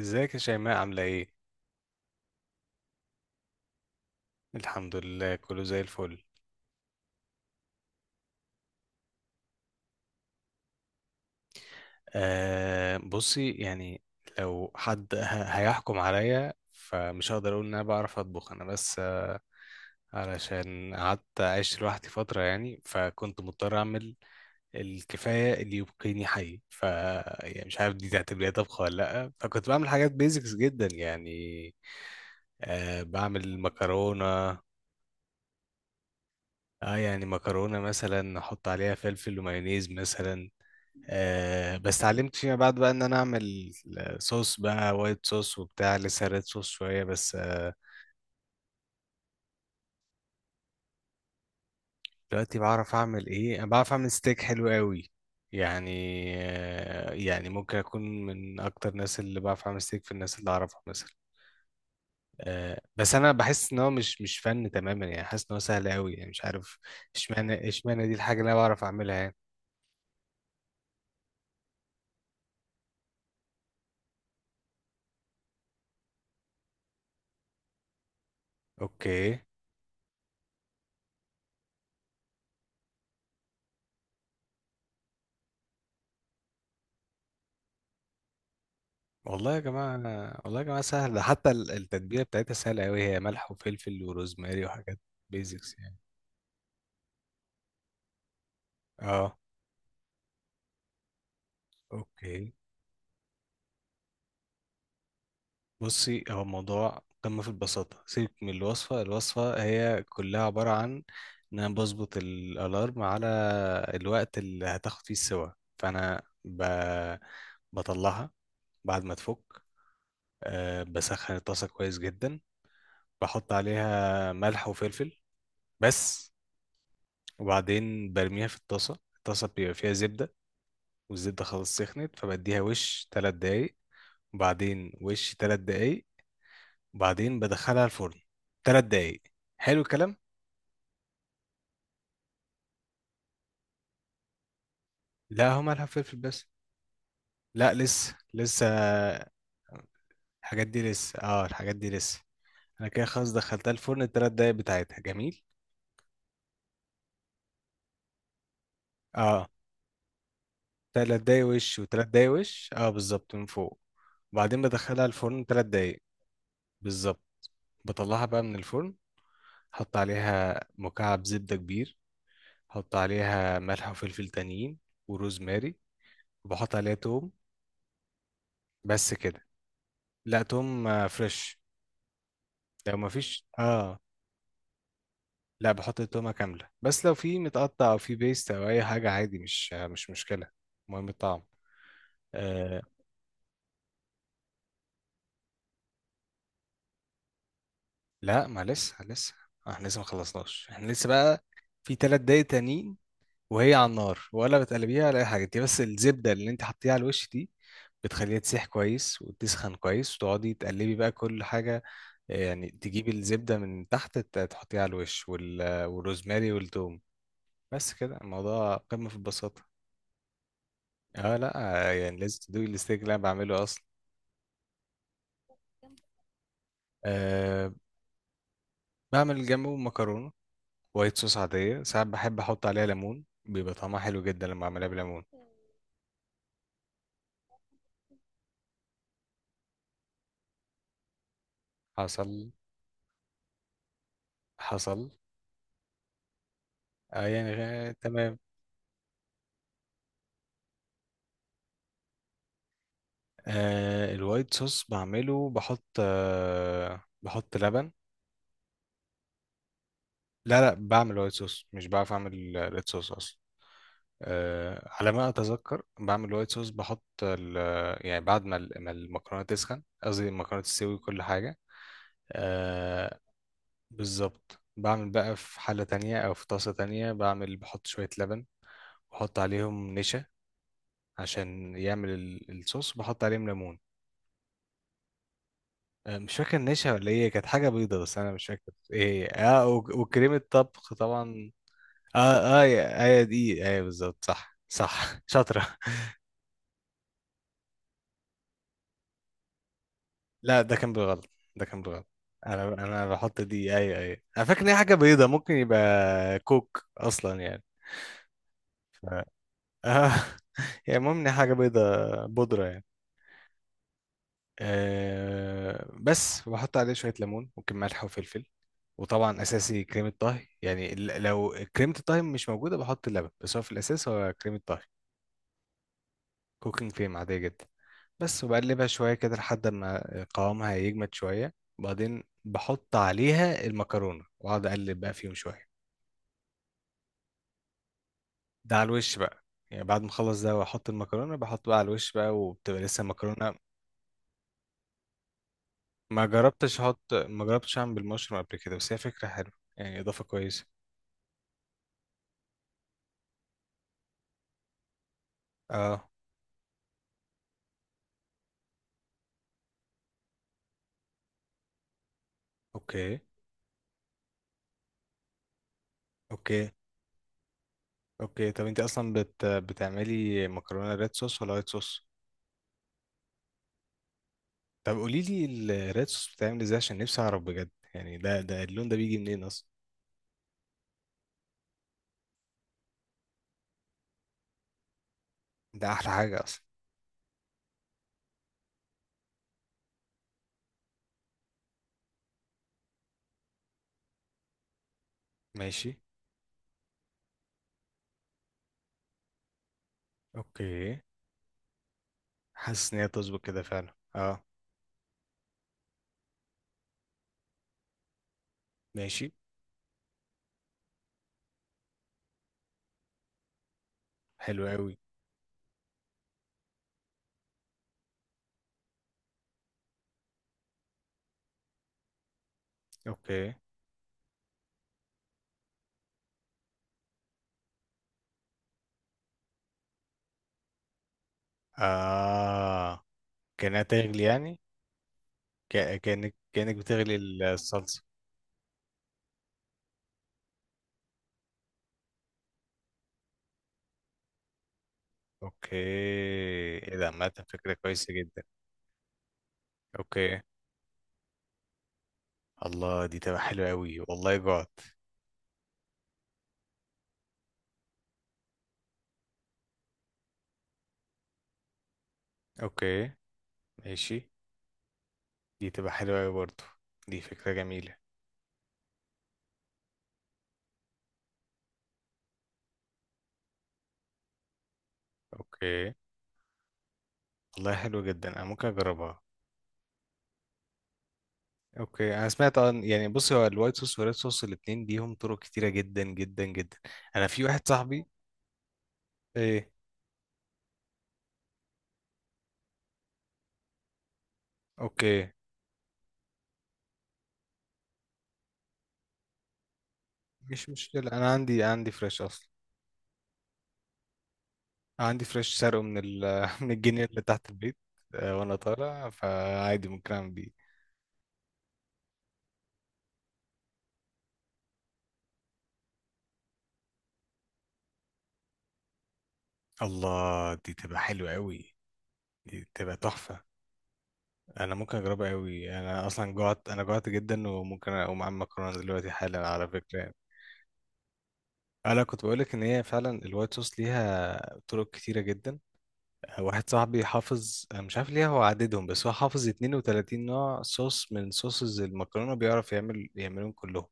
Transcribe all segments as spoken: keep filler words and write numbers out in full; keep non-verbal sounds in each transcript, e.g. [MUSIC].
ازيك يا شيماء عاملة ايه؟ الحمد لله كله زي الفل. آه، بصي يعني، لو حد ه- هيحكم عليا فمش هقدر اقول ان انا بعرف اطبخ. انا بس آه علشان قعدت عشت لوحدي فترة، يعني فكنت مضطر اعمل الكفاية اللي يبقيني حي. ف يعني مش عارف دي تعتبريها طبخ ولا لأ؟ فكنت بعمل حاجات بيزكس جدا يعني. آه، بعمل مكرونة. اه يعني مكرونة مثلا احط عليها فلفل ومايونيز مثلا. آه بس اتعلمت فيما بعد بقى ان انا اعمل آه، صوص بقى، وايت صوص وبتاع، لسه ريد صوص شويه بس آه. دلوقتي بعرف اعمل ايه؟ انا بعرف اعمل ستيك حلو قوي يعني. آه يعني ممكن اكون من اكتر الناس اللي بعرف اعمل ستيك في الناس اللي اعرفها مثلا. آه بس انا بحس ان هو مش مش فن تماما يعني، حاسس ان هو سهل قوي يعني، مش عارف اشمعنى اشمعنى دي الحاجه اللي انا بعرف اعملها يعني. اوكي. والله يا جماعة. والله يا جماعة سهل، ده حتى ال- التتبيلة بتاعتها سهلة أوي، هي ملح وفلفل وروزماري وحاجات بيزكس يعني. اه. اوكي، بصي هو الموضوع قمة في البساطة. سيبك من الوصفة، الوصفة هي كلها عبارة عن إن أنا بظبط الألارم على الوقت اللي هتاخد فيه السوا. فأنا ب... بطلعها بعد ما تفك. أه بسخن الطاسة كويس جدا، بحط عليها ملح وفلفل بس، وبعدين برميها في الطاسة. الطاسة بيبقى فيها زبدة، والزبدة خلاص سخنت، فبديها وش تلات دقايق، وبعدين وش تلات دقايق، وبعدين بدخلها الفرن تلات دقايق. حلو الكلام. لا، هو مالها فلفل بس، لا لسه لسه. الحاجات دي لسه، اه الحاجات دي لسه. انا كده خلاص دخلتها الفرن التلات دقايق بتاعتها، جميل. اه، تلات دقايق وش وتلات دقايق وش، اه بالظبط من فوق. وبعدين بدخلها الفرن تلات دقايق بالظبط. بطلعها بقى من الفرن، حط عليها مكعب زبدة كبير، احط عليها ملح وفلفل تانيين وروزماري، وبحط عليها توم بس كده. لا توم آه، فريش. لو مفيش اه، لا بحط التومة كاملة، بس لو في متقطع او في بيست او اي حاجة عادي مش آه، مش مشكلة، المهم الطعم. آه لا ما لسه لسه، احنا لسه ما خلصناش، احنا لسه بقى في تلات دقايق تانيين وهي على النار، ولا بتقلبيها ولا اي حاجه، دي بس الزبده اللي انت حطيها على الوش دي بتخليها تسيح كويس وتسخن كويس، وتقعدي تقلبي بقى كل حاجه. آه، يعني تجيبي الزبده من تحت، ت- تحطيها على الوش، وال... والروزماري والثوم. بس كده، الموضوع قمه في البساطه. اه لا آه، يعني لازم تدوقي الستيك اللي انا بعمله اصلا. أه، بعمل جنبه مكرونه، وايت صوص عاديه، ساعات بحب احط عليها ليمون بيبقى طعمها حلو جدا لما اعملها بليمون. حصل. حصل. اه يعني غ- تمام. آه، الوايت صوص بعمله بحط آه بحط لبن. لا لا، بعمل وايت صوص، مش بعرف اعمل ريد صوص اصلا. آه، على ما اتذكر بعمل وايت صوص، بحط ال- يعني بعد ما ال- ما المكرونه تسخن، قصدي المكرونه تستوي وكل حاجه. آه بالظبط. بعمل بقى في حله تانية او في طاسه تانية، بعمل بحط شويه لبن، بحط عليهم نشا عشان يعمل ال- الصوص، بحط عليهم ليمون. آه، مش فاكر نشا ولا ايه، كانت حاجة بيضة بس انا مش فاكر ايه هي. اه وك- وكريمة طبخ طبعا. اه اه يا- ايوه دي، ايوه بالظبط، صح صح. [LAUGHS] شاطرة. لا، ده كان بالغلط، ده كان بالغلط. انا انا بحط دي، ايوه ايوه، انا فاكر ان هي حاجة بيضة، ممكن يبقى كوك اصلا يعني. ف... اه. [LAUGHS] يعني المهم ان هي حاجة بيضة، بودرة يعني. آه بس، وبحط عليه شوية ليمون، ممكن ملح وفلفل، وطبعا أساسي كريمة طهي يعني. ال- لو كريمة الطهي مش موجودة بحط اللبن، بس هو في الأساس هو كريمة طهي، كوكينج كريم عادية جدا بس. وبقلبها شوية كده لحد ما قوامها يجمد شوية، وبعدين بحط عليها المكرونة وأقعد أقلب بقى فيهم شوية. ده على الوش بقى، يعني بعد ما أخلص ده وأحط المكرونة، بحط بقى على الوش بقى وبتبقى لسه المكرونة. ما جربتش أحط، ما جربتش أعمل بالمشروم قبل كده، بس هي فكرة حلوة يعني، إضافة كويسة. اه. اوكي. اوكي. اوكي، طب انت اصلا بت... بتعملي مكرونه ريد صوص ولا وايت صوص؟ طب قولي لي الريد صوص بتعمل ازاي عشان نفسي اعرف بجد، يعني ده ده اللون ده بيجي منين اصلا؟ ده احلى حاجه اصلا. ماشي. اوكي. حاسس ان هي تظبط كده فعلا اه. ماشي. حلو قوي. اوكي. اه كانها تغلي يعني، ك... كانك كانك بتغلي الصلصه. اوكي. ايه ده، عامه فكره كويسه جدا. اوكي. الله، دي تبقى حلوة أوي، والله جوعت. أوكي. ماشي. دي تبقى حلوة أوي برضه، دي فكرة جميلة. أوكي. والله حلوة جدا، أنا ممكن أجربها. أوكي. أنا سمعت عن يعني، بصي هو الوايت صوص والريد صوص الاتنين ليهم طرق كتيرة جدا جدا جدا. أنا في واحد صاحبي. إيه؟ أوكي، مش مشكلة، أنا عندي، عندي فريش أصلا. عندي فريش سرقه من ال، [LAUGHS] من الجنينة اللي تحت البيت. آه، وأنا طالع، فعادي ممكن أعمل بيه. الله، دي تبقى حلوة أوي، دي تبقى تحفة. انا ممكن اجربها قوي، انا اصلا جوعت، انا جوعت جدا، وممكن اقوم اعمل مكرونه دلوقتي حالا على فكره يعني. انا كنت بقولك ان هي فعلا الوايت صوص ليها طرق كتيره جدا. واحد صاحبي حافظ، أنا مش عارف ليه هو عددهم، بس هو حافظ اتنين وتلاتين نوع صوص من صوصز المكرونه، بيعرف يعمل، يعملهم كلهم.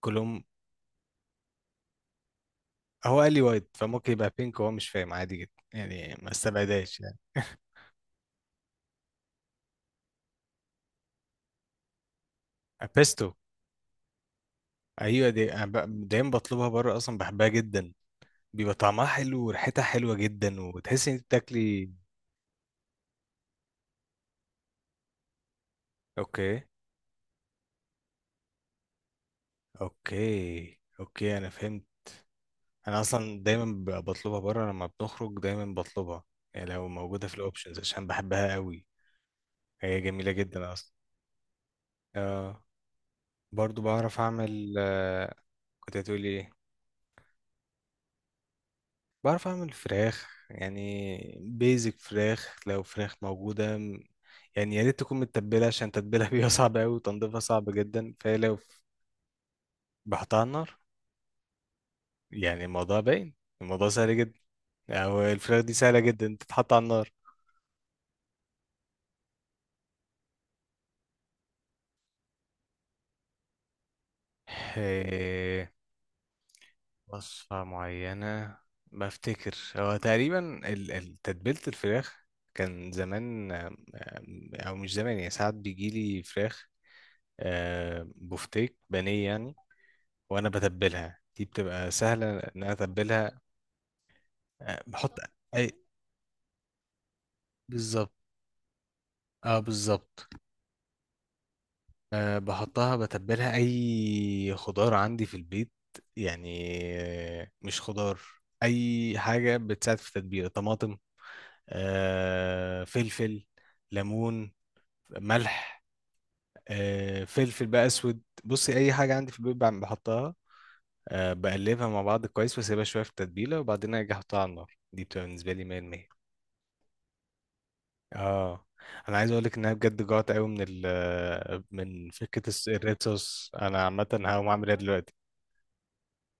كلهم هو قال لي وايت، فممكن يبقى بينك وهو مش فاهم، عادي جدا يعني، ما استبعدهاش يعني. [LAUGHS] بيستو. ايوه دي أنا ب- دايما بطلبها بره، اصلا بحبها جدا. بيبقى طعمها حلو وريحتها حلوة جدا، وتحس ان انت بتاكلي. اوكي. اوكي. اوكي انا فهمت. انا اصلا دايما ب- بطلبها بره، لما بنخرج دايما بطلبها يعني، لو موجودة في الاوبشنز عشان بحبها قوي. هي جميلة جدا اصلا. آه. برضو بعرف اعمل آه. كنت هتقولي ايه؟ بعرف اعمل فراخ، يعني بيزك فراخ، لو فراخ موجودة م- يعني يا ريت تكون متبلة، عشان تتبيلها [LAUGHS] بيها صعب قوي، وتنظيفها صعب جدا، فلو بحطها على النار يعني، الموضوع باين، الموضوع سهل جدا. أو الفراخ دي سهلة جدا تتحط على النار. إيه، وصفة معينة. بفتكر هو تقريبا ال- ال- تتبيلة الفراخ كان زمان آم، آم، أو مش زمان يعني، ساعات بيجيلي فراخ آه، بفتيك بانيه يعني، وأنا بتبلها، دي بتبقى سهلة إن أنا أتبلها. آه، بحط أي، بالظبط، اه بالظبط. أه بحطها، بتبلها أي خضار عندي في البيت يعني. آه، مش خضار، أي حاجة بتساعد في التتبيلة، طماطم، أه فلفل، ليمون، ملح، أه فلفل بقى أسود، بصي أي حاجة عندي في البيت بعم- بحطها. أه بقلبها مع بعض كويس، وأسيبها شوية في التتبيلة، وبعدين أجي أحطها على النار، دي بتبقى بالنسبة لي مية في المية. اه، انا عايز اقول لك ان انا بجد جوعت قوي من ال، من فكره الس- الريد صوص. انا عامه هقوم اعمل ايه دلوقتي؟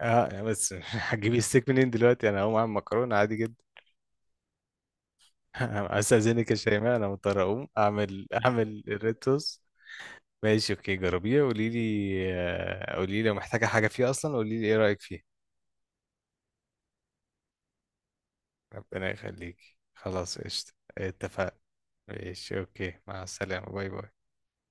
اه بس [LAUGHS] هتجيبي الستيك منين دلوقتي؟ انا هقوم اعمل مكرونه عادي جدا. [LAUGHS] استاذنك يا شيماء، انا مضطر اقوم اعمل، اعمل الريد صوص. ماشي اوكي، جربيه قولي لي. آه، قولي لي لو محتاجه حاجه فيه اصلا، قولي لي ايه رايك فيه. ربنا يخليكي، خلاص قشطه. اتفقنا. ماشي اوكي، مع السلامه، باي باي.